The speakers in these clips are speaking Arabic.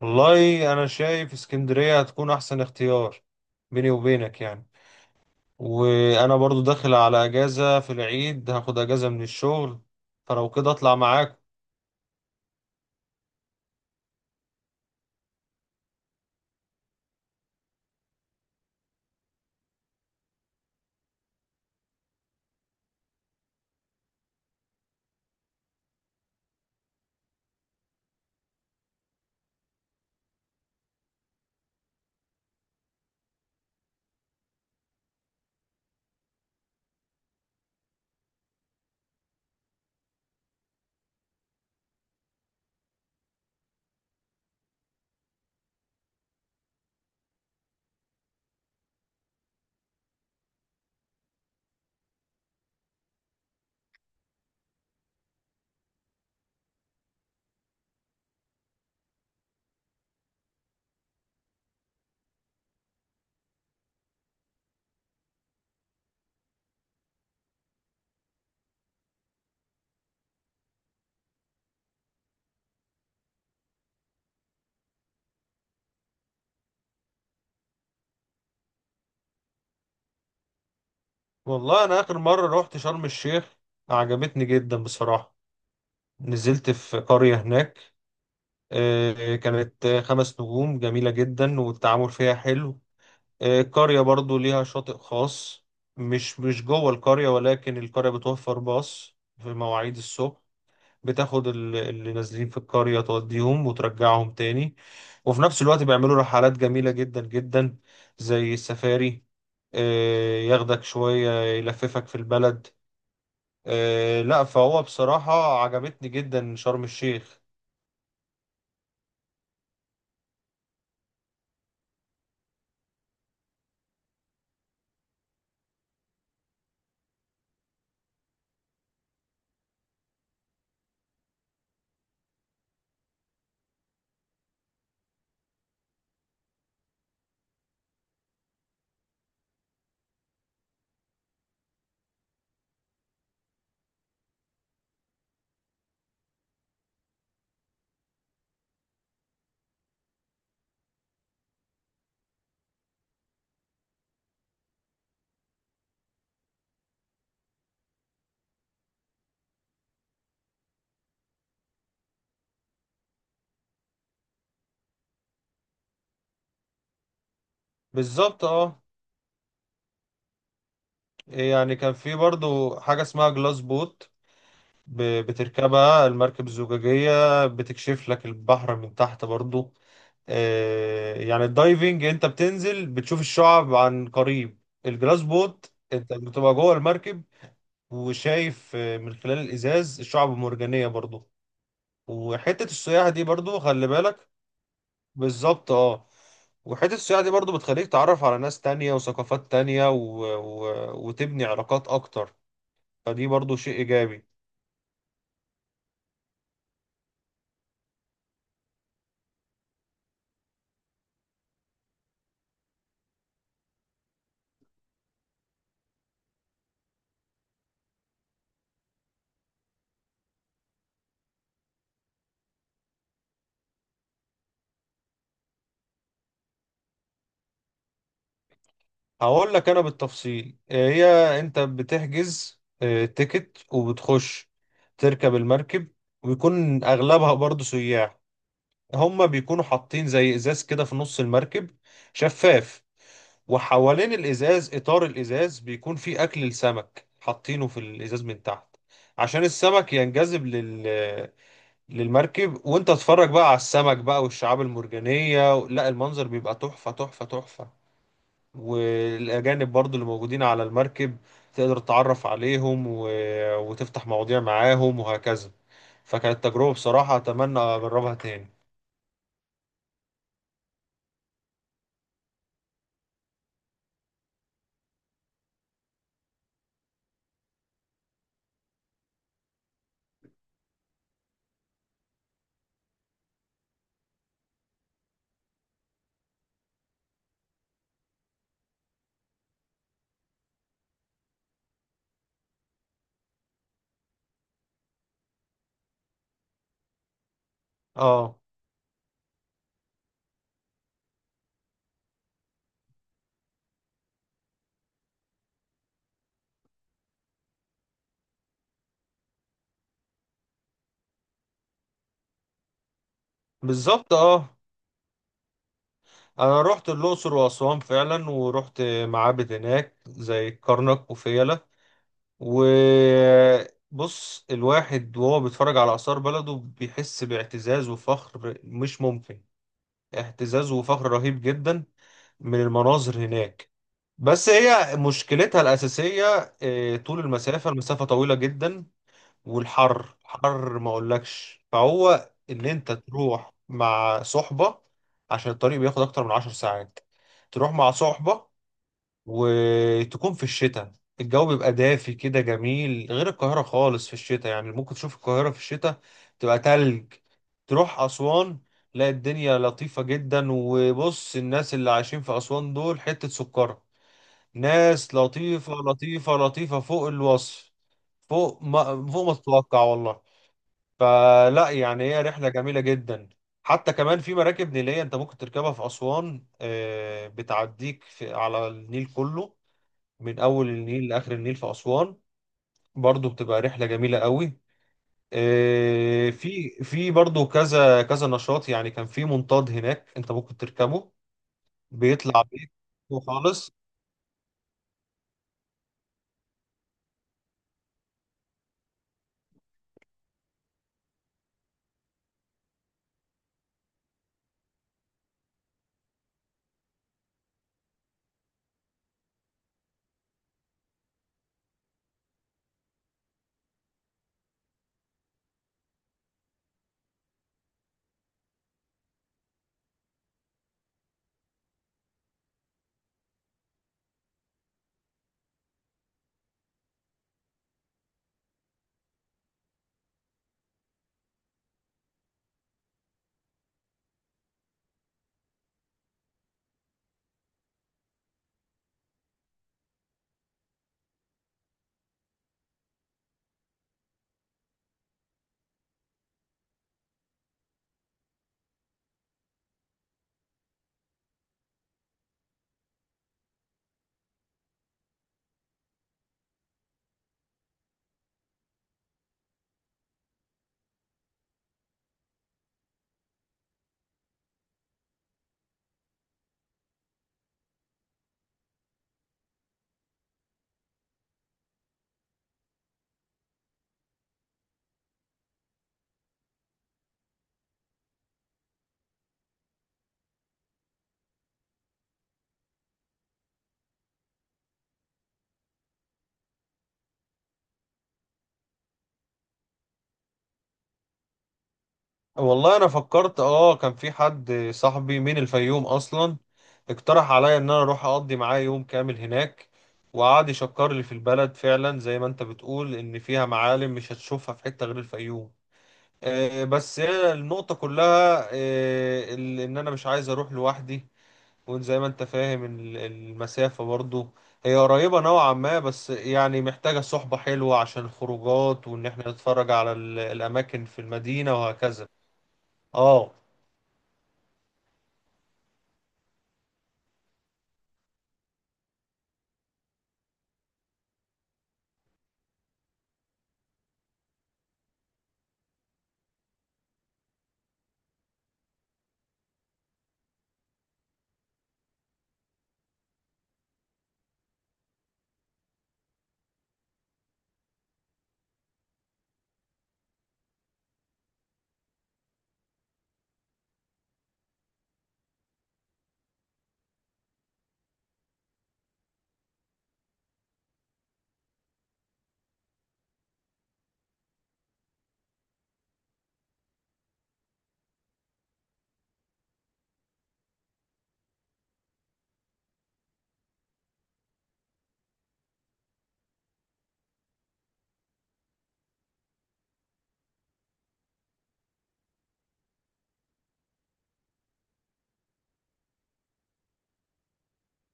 والله انا شايف اسكندرية هتكون احسن اختيار، بيني وبينك يعني. وانا برضو داخل على اجازة في العيد، هاخد اجازة من الشغل فلو كده اطلع معاك. والله انا اخر مرة رحت شرم الشيخ، عجبتني جدا بصراحة. نزلت في قرية هناك، كانت 5 نجوم جميلة جدا، والتعامل فيها حلو. القرية برضو ليها شاطئ خاص، مش جوه القرية، ولكن القرية بتوفر باص في مواعيد الصبح بتاخد اللي نازلين في القرية، توديهم وترجعهم تاني. وفي نفس الوقت بيعملوا رحلات جميلة جدا جدا، زي السفاري. ياخدك شوية يلففك في البلد. لا فهو بصراحة عجبتني جدا شرم الشيخ. بالظبط اه. يعني كان في برضو حاجة اسمها جلاس بوت، بتركبها المركب الزجاجية، بتكشف لك البحر من تحت برضو. يعني الدايفنج انت بتنزل بتشوف الشعب عن قريب، الجلاس بوت انت بتبقى جوه المركب وشايف، من خلال الازاز الشعب المرجانية برضو. وحتة السياحة دي برضو خلي بالك. بالظبط اه. وحتة السياحة دي برضو بتخليك تعرف على ناس تانية وثقافات تانية وتبني علاقات اكتر، فدي برضو شيء ايجابي. هقول لك انا بالتفصيل. هي انت بتحجز تيكت وبتخش تركب المركب، ويكون اغلبها برضو سياح. هما بيكونوا حاطين زي ازاز كده في نص المركب، شفاف، وحوالين الازاز اطار الازاز بيكون فيه اكل السمك، حاطينه في الازاز من تحت عشان السمك ينجذب للمركب، وانت تتفرج بقى على السمك بقى والشعاب المرجانية. لا المنظر بيبقى تحفة تحفة تحفة. والأجانب برضو اللي موجودين على المركب تقدر تتعرف عليهم و... وتفتح مواضيع معاهم وهكذا. فكانت تجربة بصراحة أتمنى أجربها تاني. اه. بالظبط اه. أنا رحت الأقصر وأسوان فعلا، ورحت معابد هناك زي كرنك وفيلة. وبص الواحد وهو بيتفرج على آثار بلده بيحس باعتزاز وفخر مش ممكن، اعتزاز وفخر رهيب جدا من المناظر هناك. بس هي مشكلتها الأساسية طول المسافة، المسافة طويلة جدا، والحر حر ما أقولكش. فهو إن أنت تروح مع صحبة، عشان الطريق بياخد أكتر من 10 ساعات. تروح مع صحبة وتكون في الشتاء، الجو بيبقى دافي كده جميل غير القاهرة خالص. في الشتاء يعني ممكن تشوف القاهرة في الشتاء تبقى تلج، تروح أسوان لا الدنيا لطيفة جدا. وبص الناس اللي عايشين في أسوان دول حتة سكر، ناس لطيفة لطيفة لطيفة فوق الوصف، فوق ما تتوقع والله. فلا يعني هي رحلة جميلة جدا. حتى كمان في مراكب نيلية انت ممكن تركبها في أسوان، بتعديك في على النيل كله، من أول النيل لآخر النيل في أسوان، برضو بتبقى رحلة جميلة قوي. في برضو كذا كذا نشاط. يعني كان في منطاد هناك انت ممكن تركبه، بيطلع بيك خالص. والله انا فكرت اه، كان في حد صاحبي من الفيوم اصلا، اقترح عليا ان انا اروح اقضي معاه يوم كامل هناك، وقعد يشكر لي في البلد، فعلا زي ما انت بتقول ان فيها معالم مش هتشوفها في حتة غير الفيوم. بس هي النقطة كلها، ان انا مش عايز اروح لوحدي، وان زي ما انت فاهم المسافة برضو هي قريبة نوعا ما، بس يعني محتاجة صحبة حلوة عشان الخروجات، وان احنا نتفرج على الاماكن في المدينة وهكذا. اه.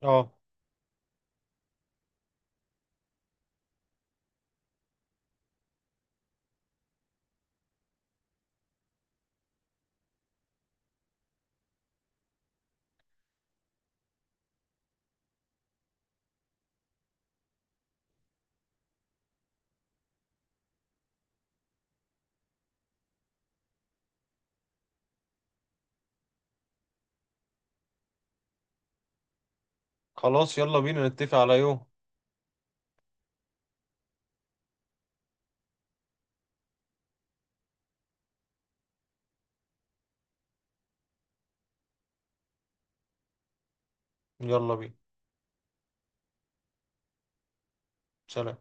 اه. خلاص يلا بينا نتفق على يوم. يلا بينا. سلام.